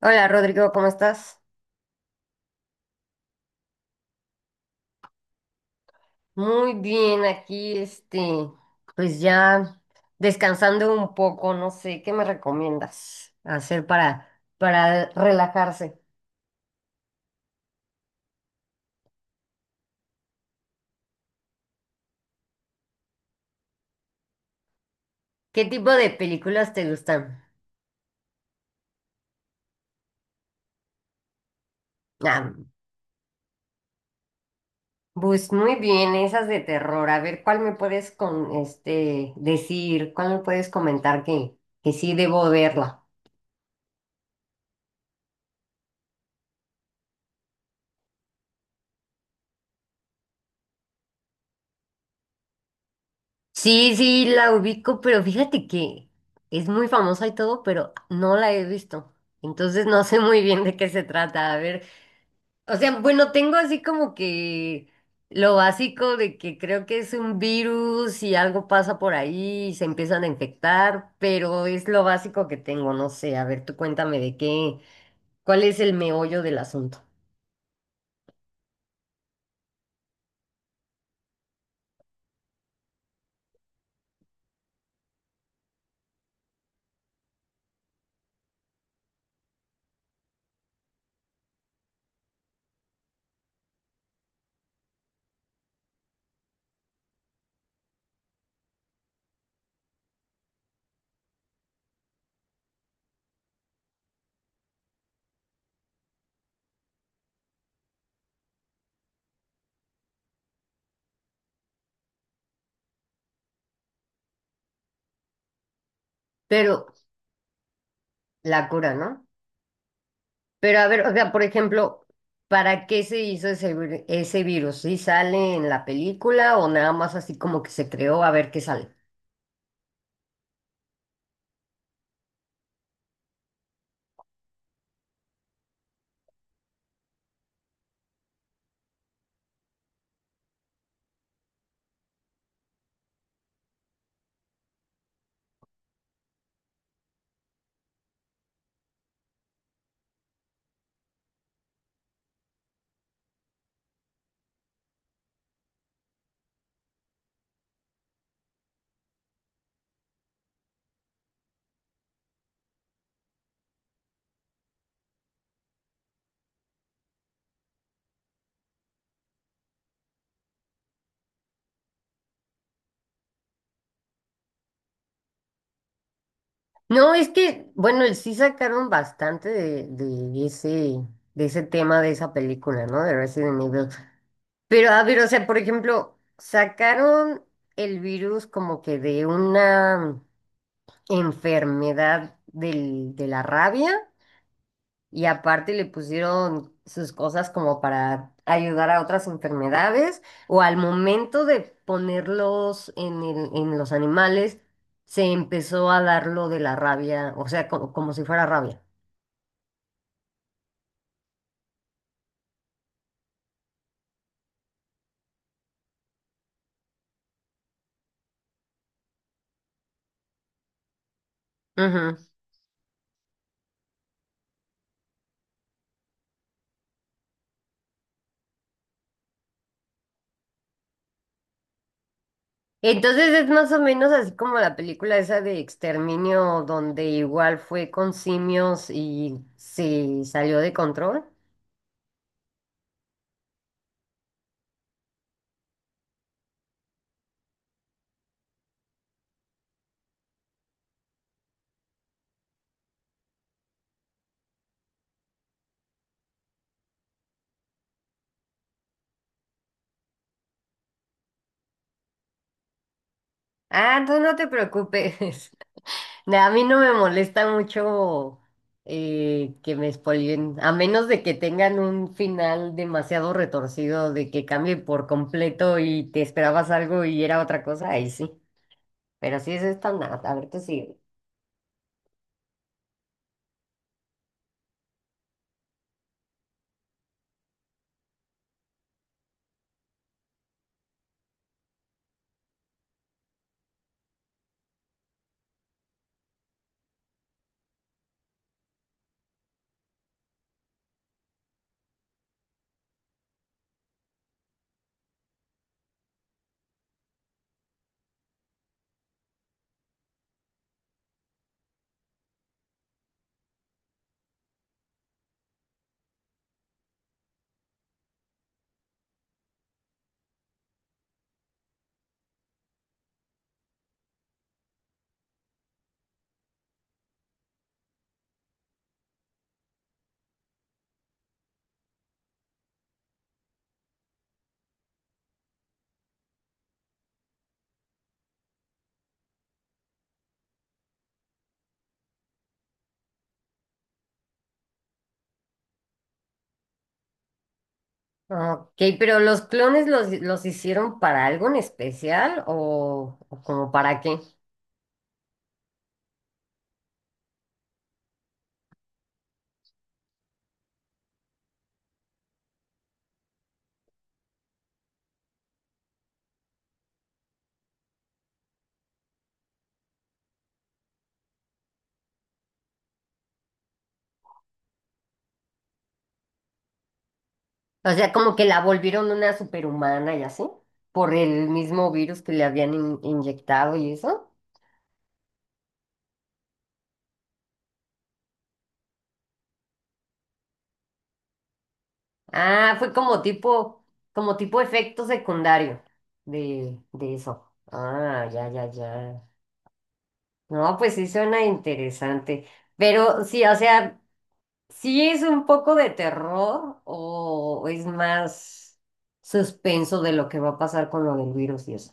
Hola Rodrigo, ¿cómo estás? Muy bien, aquí pues ya descansando un poco, no sé, ¿qué me recomiendas hacer para relajarse? ¿Qué tipo de películas te gustan? Ah, pues muy bien, esas de terror. A ver, ¿cuál me puedes con este decir? ¿Cuál me puedes comentar que sí debo verla? Sí, sí, la ubico, pero fíjate que es muy famosa y todo, pero no la he visto. Entonces no sé muy bien de qué se trata. A ver, o sea, bueno, tengo así como que lo básico de que creo que es un virus y algo pasa por ahí y se empiezan a infectar, pero es lo básico que tengo, no sé. A ver, tú cuéntame de cuál es el meollo del asunto. Pero la cura, ¿no? Pero a ver, o sea, por ejemplo, ¿para qué se hizo ese virus? ¿Sí sale en la película o nada más así como que se creó a ver qué sale? No, es que, bueno, sí sacaron bastante de ese tema de esa película, ¿no? De Resident Evil. Pero a ver, o sea, por ejemplo, sacaron el virus como que de una enfermedad de la rabia. Y aparte le pusieron sus cosas como para ayudar a otras enfermedades o al momento de ponerlos en en los animales, se empezó a dar lo de la rabia, o sea, si fuera rabia. Ujú. Entonces es más o menos así como la película esa de Exterminio, donde igual fue con simios y se salió de control. Ah, tú no te preocupes. No, a mí no me molesta mucho que me spoileen, a menos de que tengan un final demasiado retorcido, de que cambie por completo y te esperabas algo y era otra cosa, ahí sí. Pero sí es estándar, a ver, tú sigue. Ok, pero ¿los clones los hicieron para algo en especial o como para qué? O sea, como que la volvieron una superhumana y así, por el mismo virus que le habían inyectado y eso. Ah, fue como tipo efecto secundario de eso. Ah, ya, ya, ya. No, pues sí suena interesante. Pero sí, o sea, sí es un poco de terror o es más suspenso de lo que va a pasar con lo del virus y eso.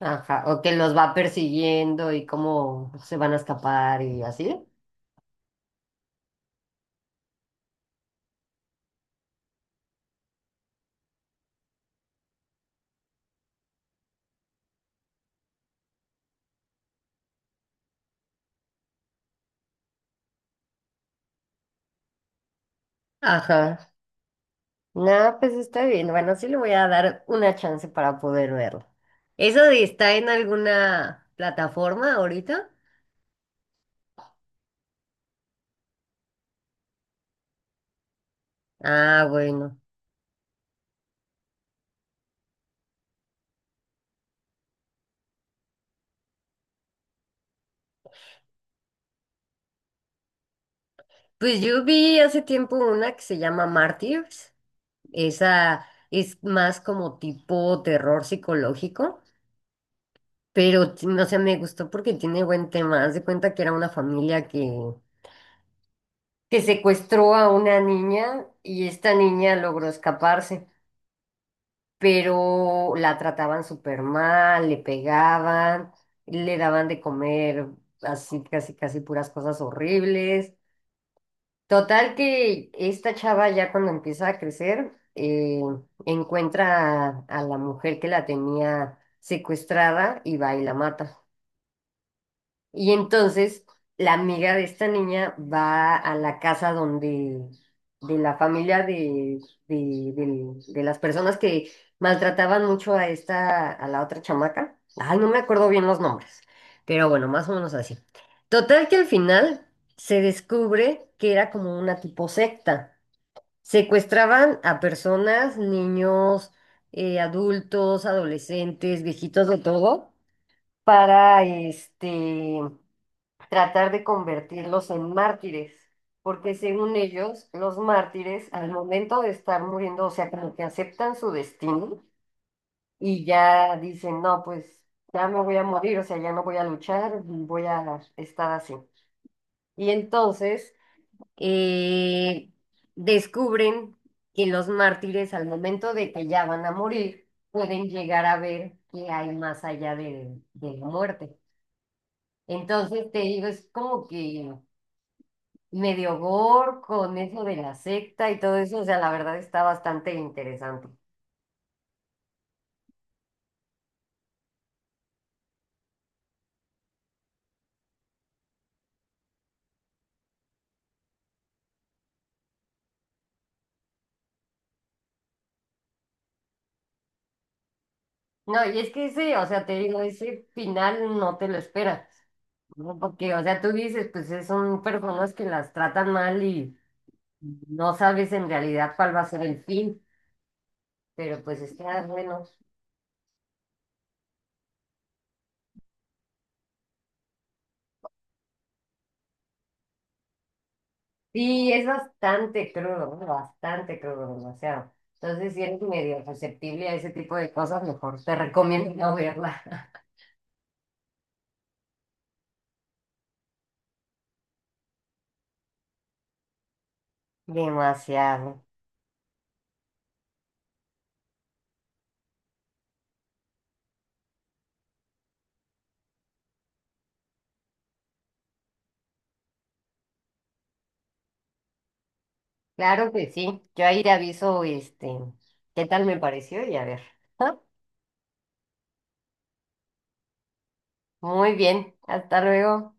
Ajá, o que los va persiguiendo y cómo se van a escapar y así. Ajá. No, pues está bien. Bueno, sí le voy a dar una chance para poder verlo. ¿Eso de está en alguna plataforma ahorita? Ah, bueno. Pues yo vi hace tiempo una que se llama Martyrs. Esa es más como tipo terror psicológico, pero no sé, me gustó porque tiene buen tema. Haz de cuenta que era una familia que secuestró a una niña y esta niña logró escaparse, pero la trataban súper mal, le pegaban, le daban de comer así, casi, casi puras cosas horribles. Total que esta chava ya cuando empieza a crecer, encuentra a la mujer que la tenía secuestrada y va y la mata. Y entonces la amiga de esta niña va a la casa donde, de la familia de las personas que maltrataban mucho a esta, a la otra chamaca. Ay, no me acuerdo bien los nombres, pero bueno, más o menos así. Total que al final se descubre que era como una tipo secta. Secuestraban a personas, niños, adultos, adolescentes, viejitos de todo, para tratar de convertirlos en mártires, porque según ellos, los mártires al momento de estar muriendo, o sea, como que aceptan su destino y ya dicen, no, pues ya me voy a morir, o sea, ya no voy a luchar, voy a estar así. Y entonces eh, descubren que los mártires al momento de que ya van a morir, pueden llegar a ver qué hay más allá de la muerte. Entonces te digo, es como que medio gore con eso de la secta y todo eso, o sea, la verdad está bastante interesante. No, y es que ese, o sea, te digo, ese final no te lo esperas, ¿no? Porque, o sea, tú dices, pues son personas que las tratan mal y no sabes en realidad cuál va a ser el fin, pero pues está bueno. Sí, es bastante crudo, ¿no? Bastante crudo, o sea, entonces si eres medio susceptible a ese tipo de cosas, mejor te recomiendo no verla. Demasiado. Claro que sí. Yo ahí te aviso, este, qué tal me pareció y a ver. Muy bien. Hasta luego.